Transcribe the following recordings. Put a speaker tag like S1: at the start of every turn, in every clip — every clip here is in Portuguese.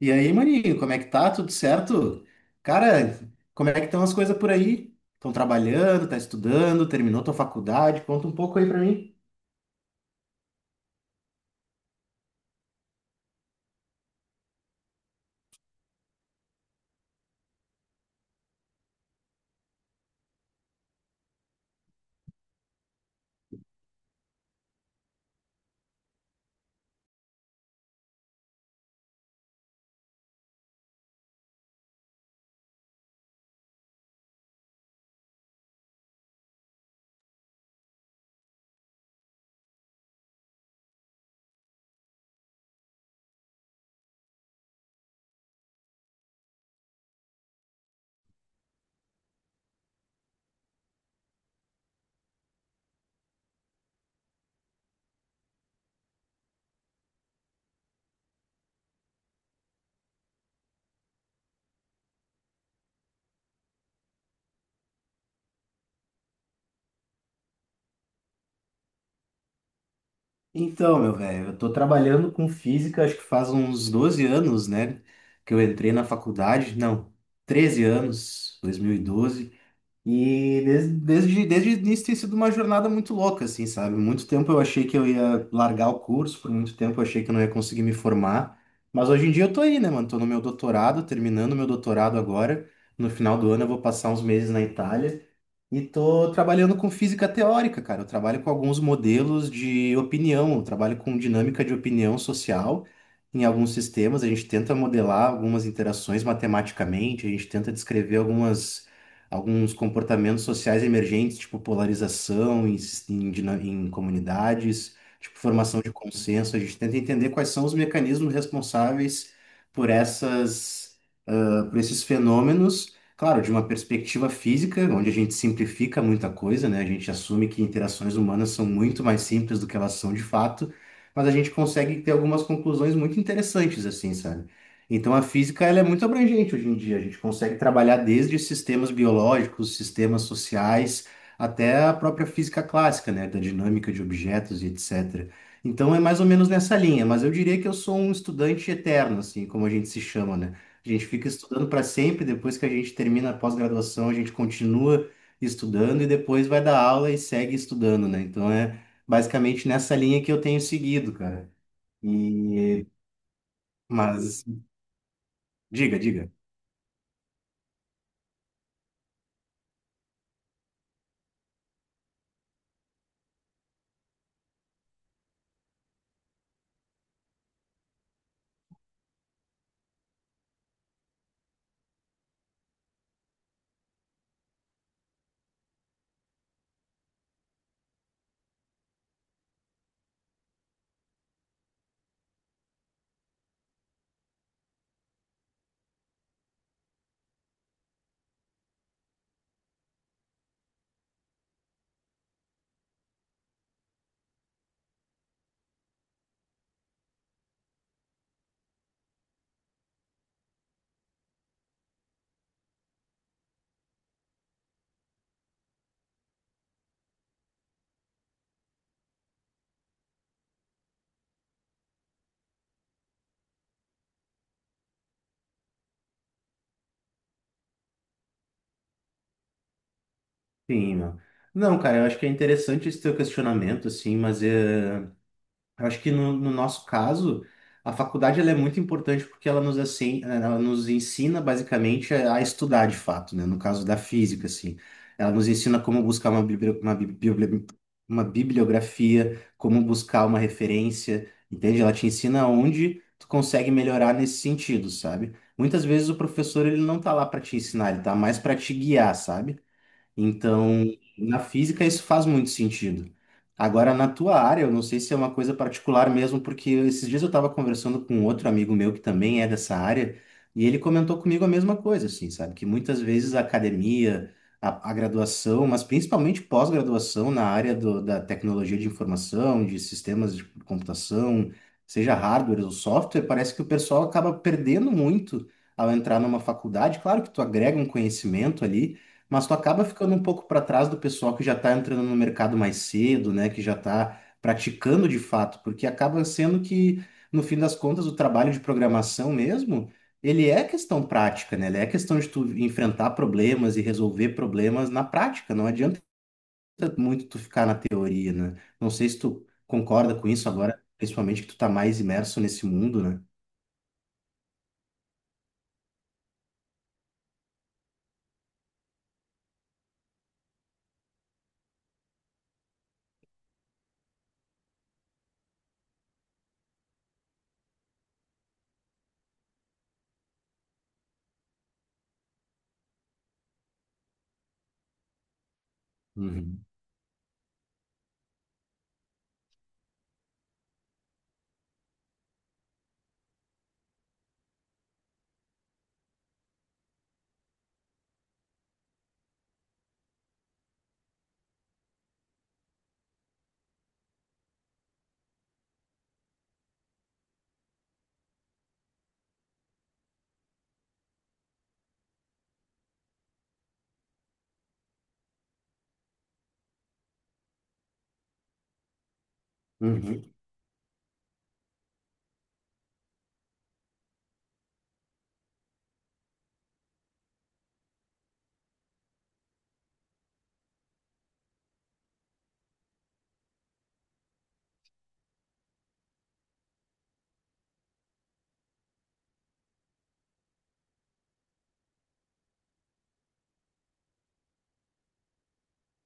S1: E aí, maninho, como é que tá? Tudo certo? Cara, como é que estão as coisas por aí? Estão trabalhando, tá estudando, terminou tua faculdade? Conta um pouco aí pra mim. Então, meu velho, eu tô trabalhando com física, acho que faz uns 12 anos, né? Que eu entrei na faculdade, não, 13 anos, 2012. E desde o início tem sido uma jornada muito louca, assim, sabe? Muito tempo eu achei que eu ia largar o curso, por muito tempo eu achei que eu não ia conseguir me formar. Mas hoje em dia eu tô aí, né, mano? Tô no meu doutorado, terminando meu doutorado agora. No final do ano eu vou passar uns meses na Itália. E tô trabalhando com física teórica, cara. Eu trabalho com alguns modelos de opinião, eu trabalho com dinâmica de opinião social em alguns sistemas. A gente tenta modelar algumas interações matematicamente, a gente tenta descrever algumas alguns comportamentos sociais emergentes, tipo polarização em comunidades, tipo formação de consenso. A gente tenta entender quais são os mecanismos responsáveis por essas para esses fenômenos, claro, de uma perspectiva física, onde a gente simplifica muita coisa, né? A gente assume que interações humanas são muito mais simples do que elas são de fato, mas a gente consegue ter algumas conclusões muito interessantes, assim, sabe? Então a física ela é muito abrangente hoje em dia. A gente consegue trabalhar desde sistemas biológicos, sistemas sociais, até a própria física clássica, né? Da dinâmica de objetos e etc. Então é mais ou menos nessa linha, mas eu diria que eu sou um estudante eterno, assim, como a gente se chama, né? A gente fica estudando para sempre, depois que a gente termina a pós-graduação, a gente continua estudando e depois vai dar aula e segue estudando, né? Então é basicamente nessa linha que eu tenho seguido, cara. E mas diga, diga. Sim, meu. Não, cara, eu acho que é interessante esse teu questionamento, assim, mas é. Eu acho que no nosso caso, a faculdade ela é muito importante porque ela nos, assim, ela nos ensina basicamente a estudar de fato, né? No caso da física, assim. Ela nos ensina como buscar uma bibliografia, como buscar uma referência, entende? Ela te ensina onde tu consegue melhorar nesse sentido, sabe? Muitas vezes o professor ele não tá lá para te ensinar, ele tá mais para te guiar, sabe? Então, na física isso faz muito sentido. Agora, na tua área, eu não sei se é uma coisa particular mesmo, porque esses dias eu estava conversando com outro amigo meu que também é dessa área, e ele comentou comigo a mesma coisa, assim, sabe? Que muitas vezes a academia, a graduação, mas principalmente pós-graduação na área da tecnologia de informação, de sistemas de computação, seja hardware ou software, parece que o pessoal acaba perdendo muito ao entrar numa faculdade. Claro que tu agrega um conhecimento ali, mas tu acaba ficando um pouco para trás do pessoal que já está entrando no mercado mais cedo, né? Que já está praticando de fato, porque acaba sendo que, no fim das contas, o trabalho de programação mesmo, ele é questão prática, né? Ele é questão de tu enfrentar problemas e resolver problemas na prática. Não adianta muito tu ficar na teoria, né? Não sei se tu concorda com isso agora, principalmente que tu tá mais imerso nesse mundo, né? Uhum. Uhum.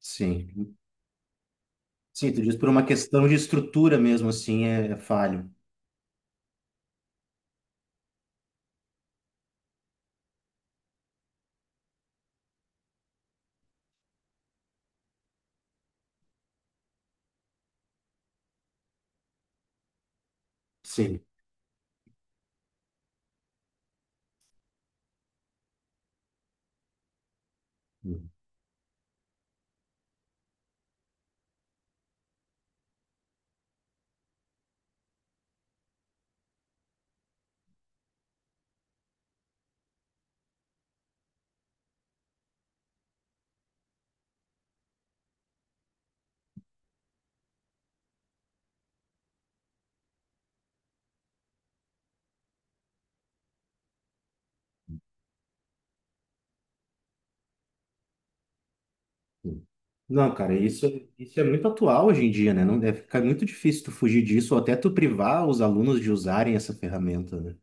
S1: Sim. Sim, tu diz por uma questão de estrutura mesmo, assim, é falho. Sim. Uhum. Não, cara, isso é muito atual hoje em dia, né? Não deve ficar muito difícil tu fugir disso ou até tu privar os alunos de usarem essa ferramenta, né?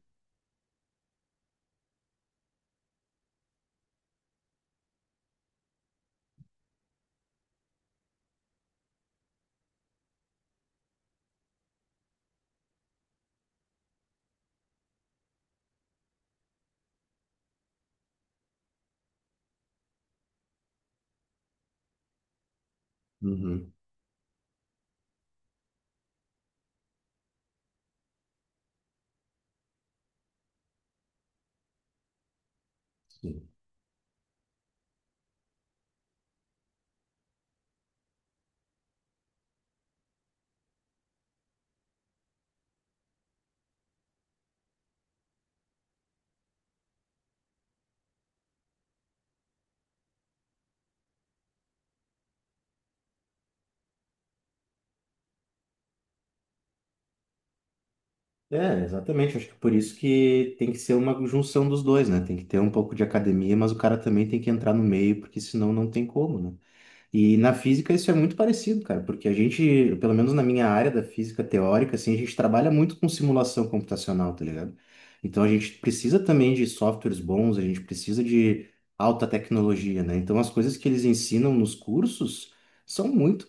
S1: Uhum, sim. É, exatamente. Acho que por isso que tem que ser uma junção dos dois, né? Tem que ter um pouco de academia, mas o cara também tem que entrar no meio, porque senão não tem como, né? E na física isso é muito parecido, cara, porque a gente, pelo menos na minha área da física teórica, assim, a gente trabalha muito com simulação computacional, tá ligado? Então a gente precisa também de softwares bons, a gente precisa de alta tecnologia, né? Então as coisas que eles ensinam nos cursos são muito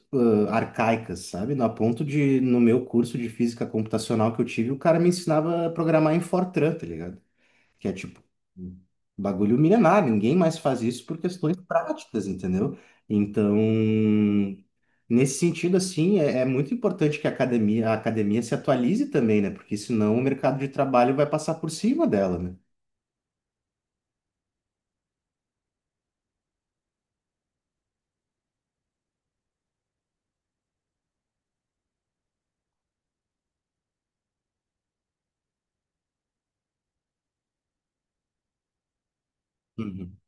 S1: arcaicas, sabe? Na ponto de, no meu curso de física computacional que eu tive, o cara me ensinava a programar em Fortran, tá ligado? Que é tipo um bagulho milenar, ninguém mais faz isso por questões práticas, entendeu? Então, nesse sentido, assim, é, muito importante que a academia se atualize também, né? Porque senão o mercado de trabalho vai passar por cima dela, né? Uhum.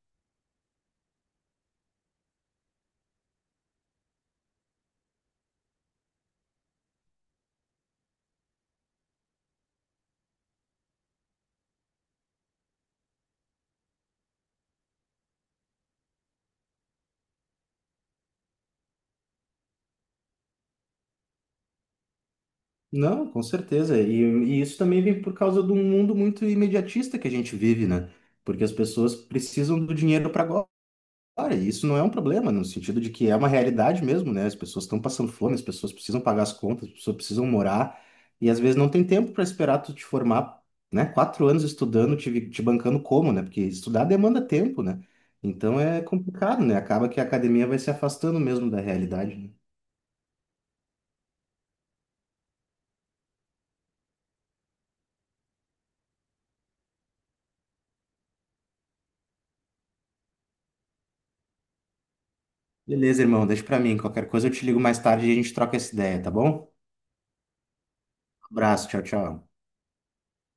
S1: Não, com certeza. E isso também vem por causa de um mundo muito imediatista que a gente vive, né? Porque as pessoas precisam do dinheiro para agora. Cara, isso não é um problema, no sentido de que é uma realidade mesmo, né? As pessoas estão passando fome, as pessoas precisam pagar as contas, as pessoas precisam morar, e às vezes não tem tempo para esperar tu te formar, né? 4 anos estudando, te bancando como, né? Porque estudar demanda tempo, né? Então é complicado, né? Acaba que a academia vai se afastando mesmo da realidade, né? Beleza, irmão, deixa pra mim. Qualquer coisa eu te ligo mais tarde e a gente troca essa ideia, tá bom? Abraço, tchau, tchau.